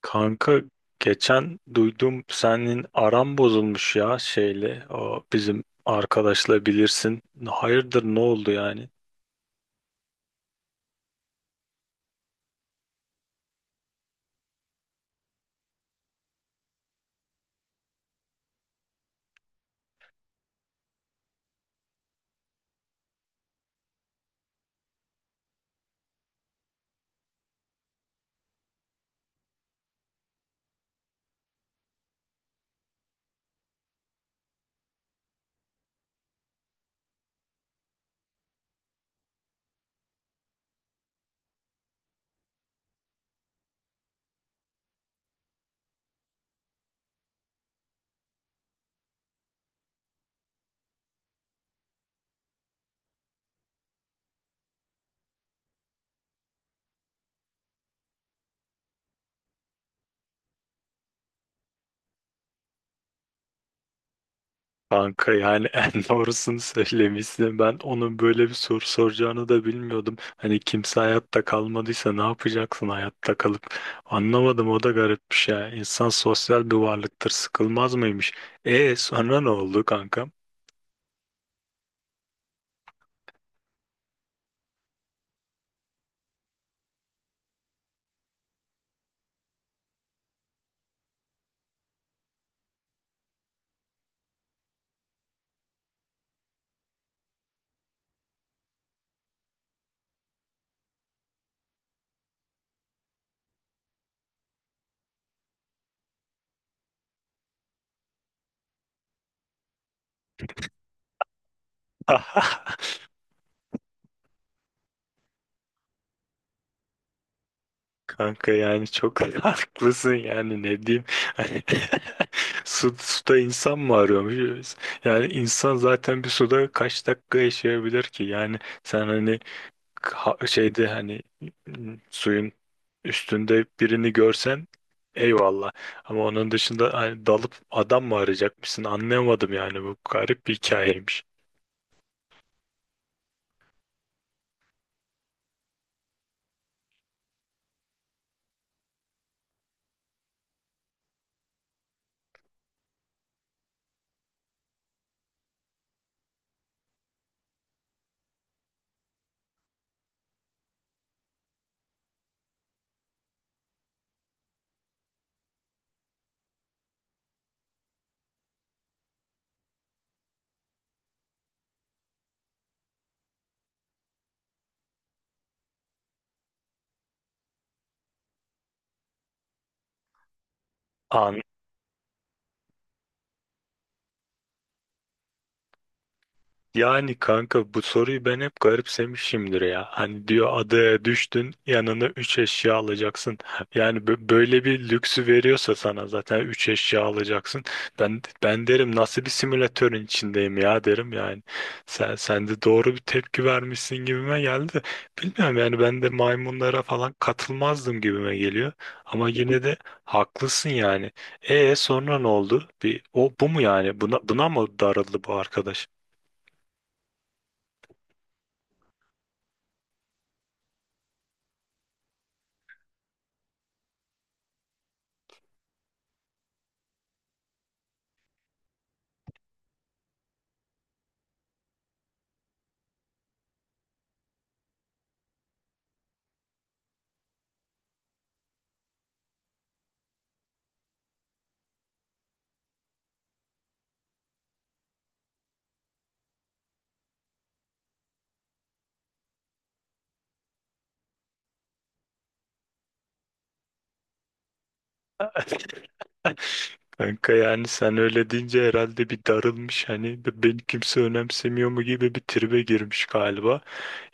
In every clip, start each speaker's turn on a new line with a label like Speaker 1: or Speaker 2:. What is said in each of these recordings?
Speaker 1: Kanka geçen duydum senin aran bozulmuş ya şeyle o bizim arkadaşla bilirsin. Hayırdır ne oldu yani? Kanka yani en doğrusunu söylemişsin. Ben onun böyle bir soru soracağını da bilmiyordum. Hani kimse hayatta kalmadıysa ne yapacaksın hayatta kalıp? Anlamadım, o da garipmiş ya. İnsan sosyal bir varlıktır, sıkılmaz mıymış? Sonra ne oldu kankam? Kanka yani çok haklısın, yani ne diyeyim. Hani suda insan mı arıyormuş? Yani insan zaten bir suda kaç dakika yaşayabilir ki? Yani sen hani şeyde, hani suyun üstünde birini görsen eyvallah. Ama onun dışında hani dalıp adam mı arayacakmışsın, anlayamadım. Yani bu garip bir hikayeymiş. Yani kanka bu soruyu ben hep garipsemişimdir ya. Hani diyor adaya düştün, yanına 3 eşya alacaksın. Yani böyle bir lüksü veriyorsa sana zaten 3 eşya alacaksın. Ben derim nasıl bir simülatörün içindeyim ya, derim yani. Sen de doğru bir tepki vermişsin gibime geldi. Bilmiyorum, yani ben de maymunlara falan katılmazdım gibime geliyor. Ama yine de haklısın yani. Sonra ne oldu? O bu mu yani? Buna mı darıldı bu arkadaş? Kanka yani sen öyle deyince herhalde bir darılmış, hani beni kimse önemsemiyor mu gibi bir tribe girmiş galiba.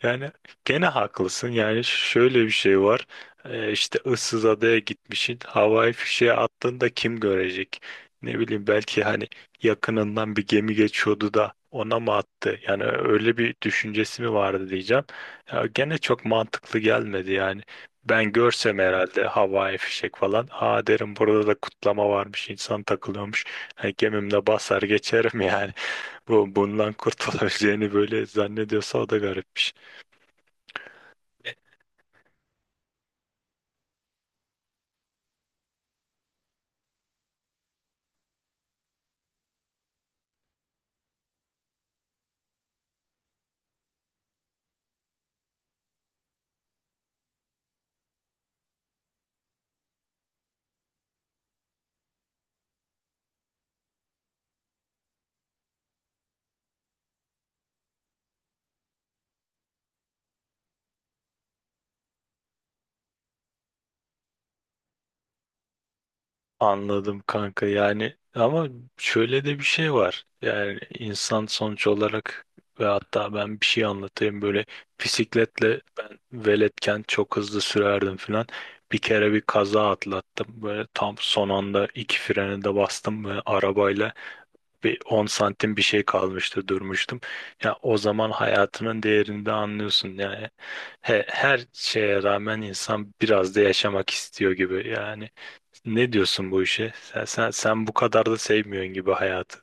Speaker 1: Yani gene haklısın. Yani şöyle bir şey var. İşte ıssız adaya gitmişsin. Havai fişeğe attığında kim görecek? Ne bileyim, belki hani yakınından bir gemi geçiyordu da ona mı attı? Yani öyle bir düşüncesi mi vardı diyeceğim. Ya gene çok mantıklı gelmedi yani. Ben görsem herhalde havai fişek falan, "Aa," derim, "burada da kutlama varmış, insan takılıyormuş." Yani gemimle basar geçerim yani. Bu bundan kurtulabileceğini böyle zannediyorsa o da garipmiş. Anladım kanka, yani ama şöyle de bir şey var. Yani insan sonuç olarak, ve hatta ben bir şey anlatayım, böyle bisikletle ben veletken çok hızlı sürerdim filan. Bir kere bir kaza atlattım. Böyle tam son anda iki freni de bastım ve arabayla bir 10 santim bir şey kalmıştı, durmuştum. Ya o zaman hayatının değerini de anlıyorsun yani. Her şeye rağmen insan biraz da yaşamak istiyor gibi yani. Ne diyorsun bu işe? Sen bu kadar da sevmiyorsun gibi hayatı.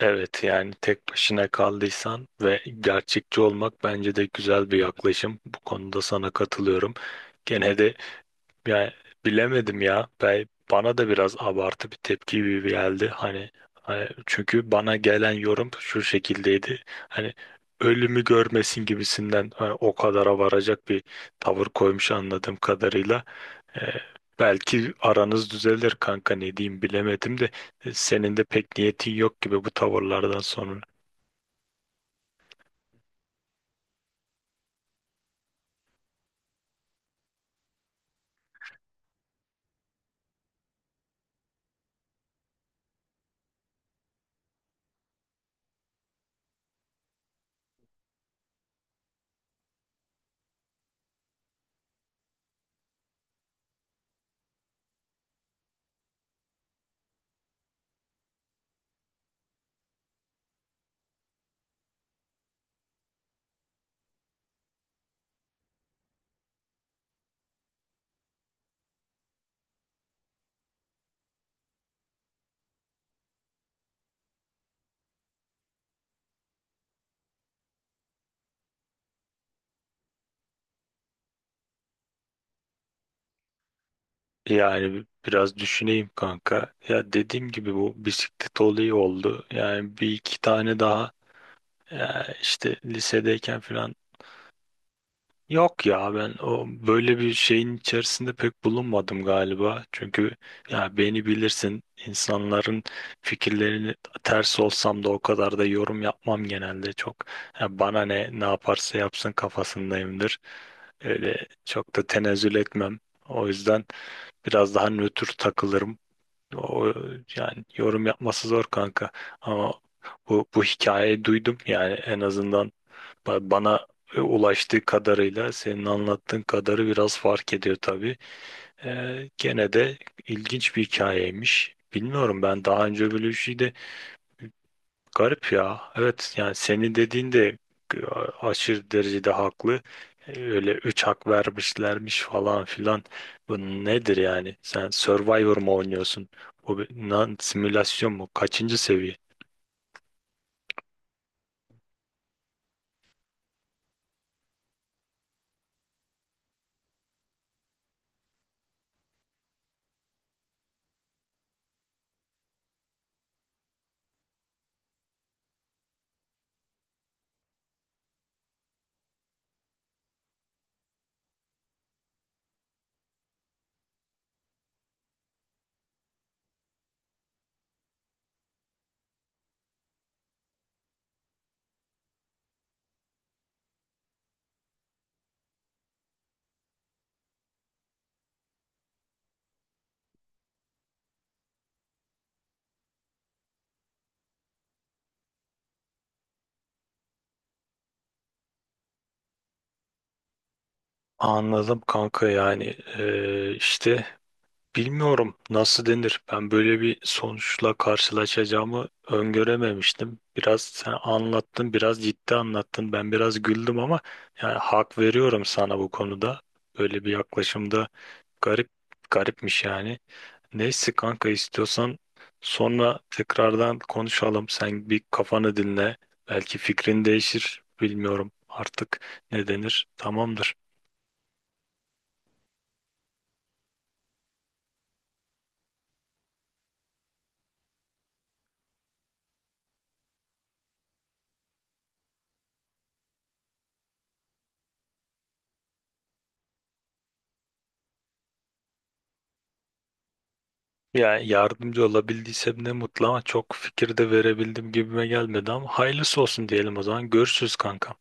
Speaker 1: Evet, yani tek başına kaldıysan ve gerçekçi olmak bence de güzel bir yaklaşım. Bu konuda sana katılıyorum. Gene de yani bilemedim ya. Bana da biraz abartı bir tepki gibi geldi. Hani çünkü bana gelen yorum şu şekildeydi. Hani ölümü görmesin gibisinden, hani o kadara varacak bir tavır koymuş anladığım kadarıyla. Ee, Belki aranız düzelir kanka, ne diyeyim bilemedim de senin de pek niyetin yok gibi bu tavırlardan sonra. Yani biraz düşüneyim kanka. Ya dediğim gibi bu bisiklet olayı oldu. Yani bir iki tane daha, ya işte lisedeyken falan. Yok ya, ben o böyle bir şeyin içerisinde pek bulunmadım galiba. Çünkü ya beni bilirsin, insanların fikirlerini ters olsam da o kadar da yorum yapmam genelde çok. Ya bana ne yaparsa yapsın kafasındayımdır. Öyle çok da tenezzül etmem. O yüzden biraz daha nötr takılırım. O yani yorum yapması zor kanka. Ama bu hikayeyi duydum yani, en azından bana ulaştığı kadarıyla senin anlattığın kadarı biraz fark ediyor tabii. Gene de ilginç bir hikayeymiş. Bilmiyorum, ben daha önce böyle bir şey de garip ya. Evet, yani senin dediğin de e, aşırı derecede haklı. Öyle üç hak vermişlermiş falan filan. Bu nedir yani? Sen Survivor mu oynuyorsun? Bu bir lan simülasyon mu? Kaçıncı seviye? Anladım kanka, yani işte bilmiyorum nasıl denir. Ben böyle bir sonuçla karşılaşacağımı öngörememiştim. Biraz sen anlattın, biraz ciddi anlattın. Ben biraz güldüm ama yani hak veriyorum sana bu konuda. Böyle bir yaklaşımda garip garipmiş yani. Neyse kanka, istiyorsan sonra tekrardan konuşalım. Sen bir kafanı dinle. Belki fikrin değişir. Bilmiyorum artık ne denir. Tamamdır. Yani yardımcı olabildiysem ne mutlu, ama çok fikir de verebildim gibime gelmedi. Ama hayırlısı olsun diyelim o zaman. Görüşürüz kanka.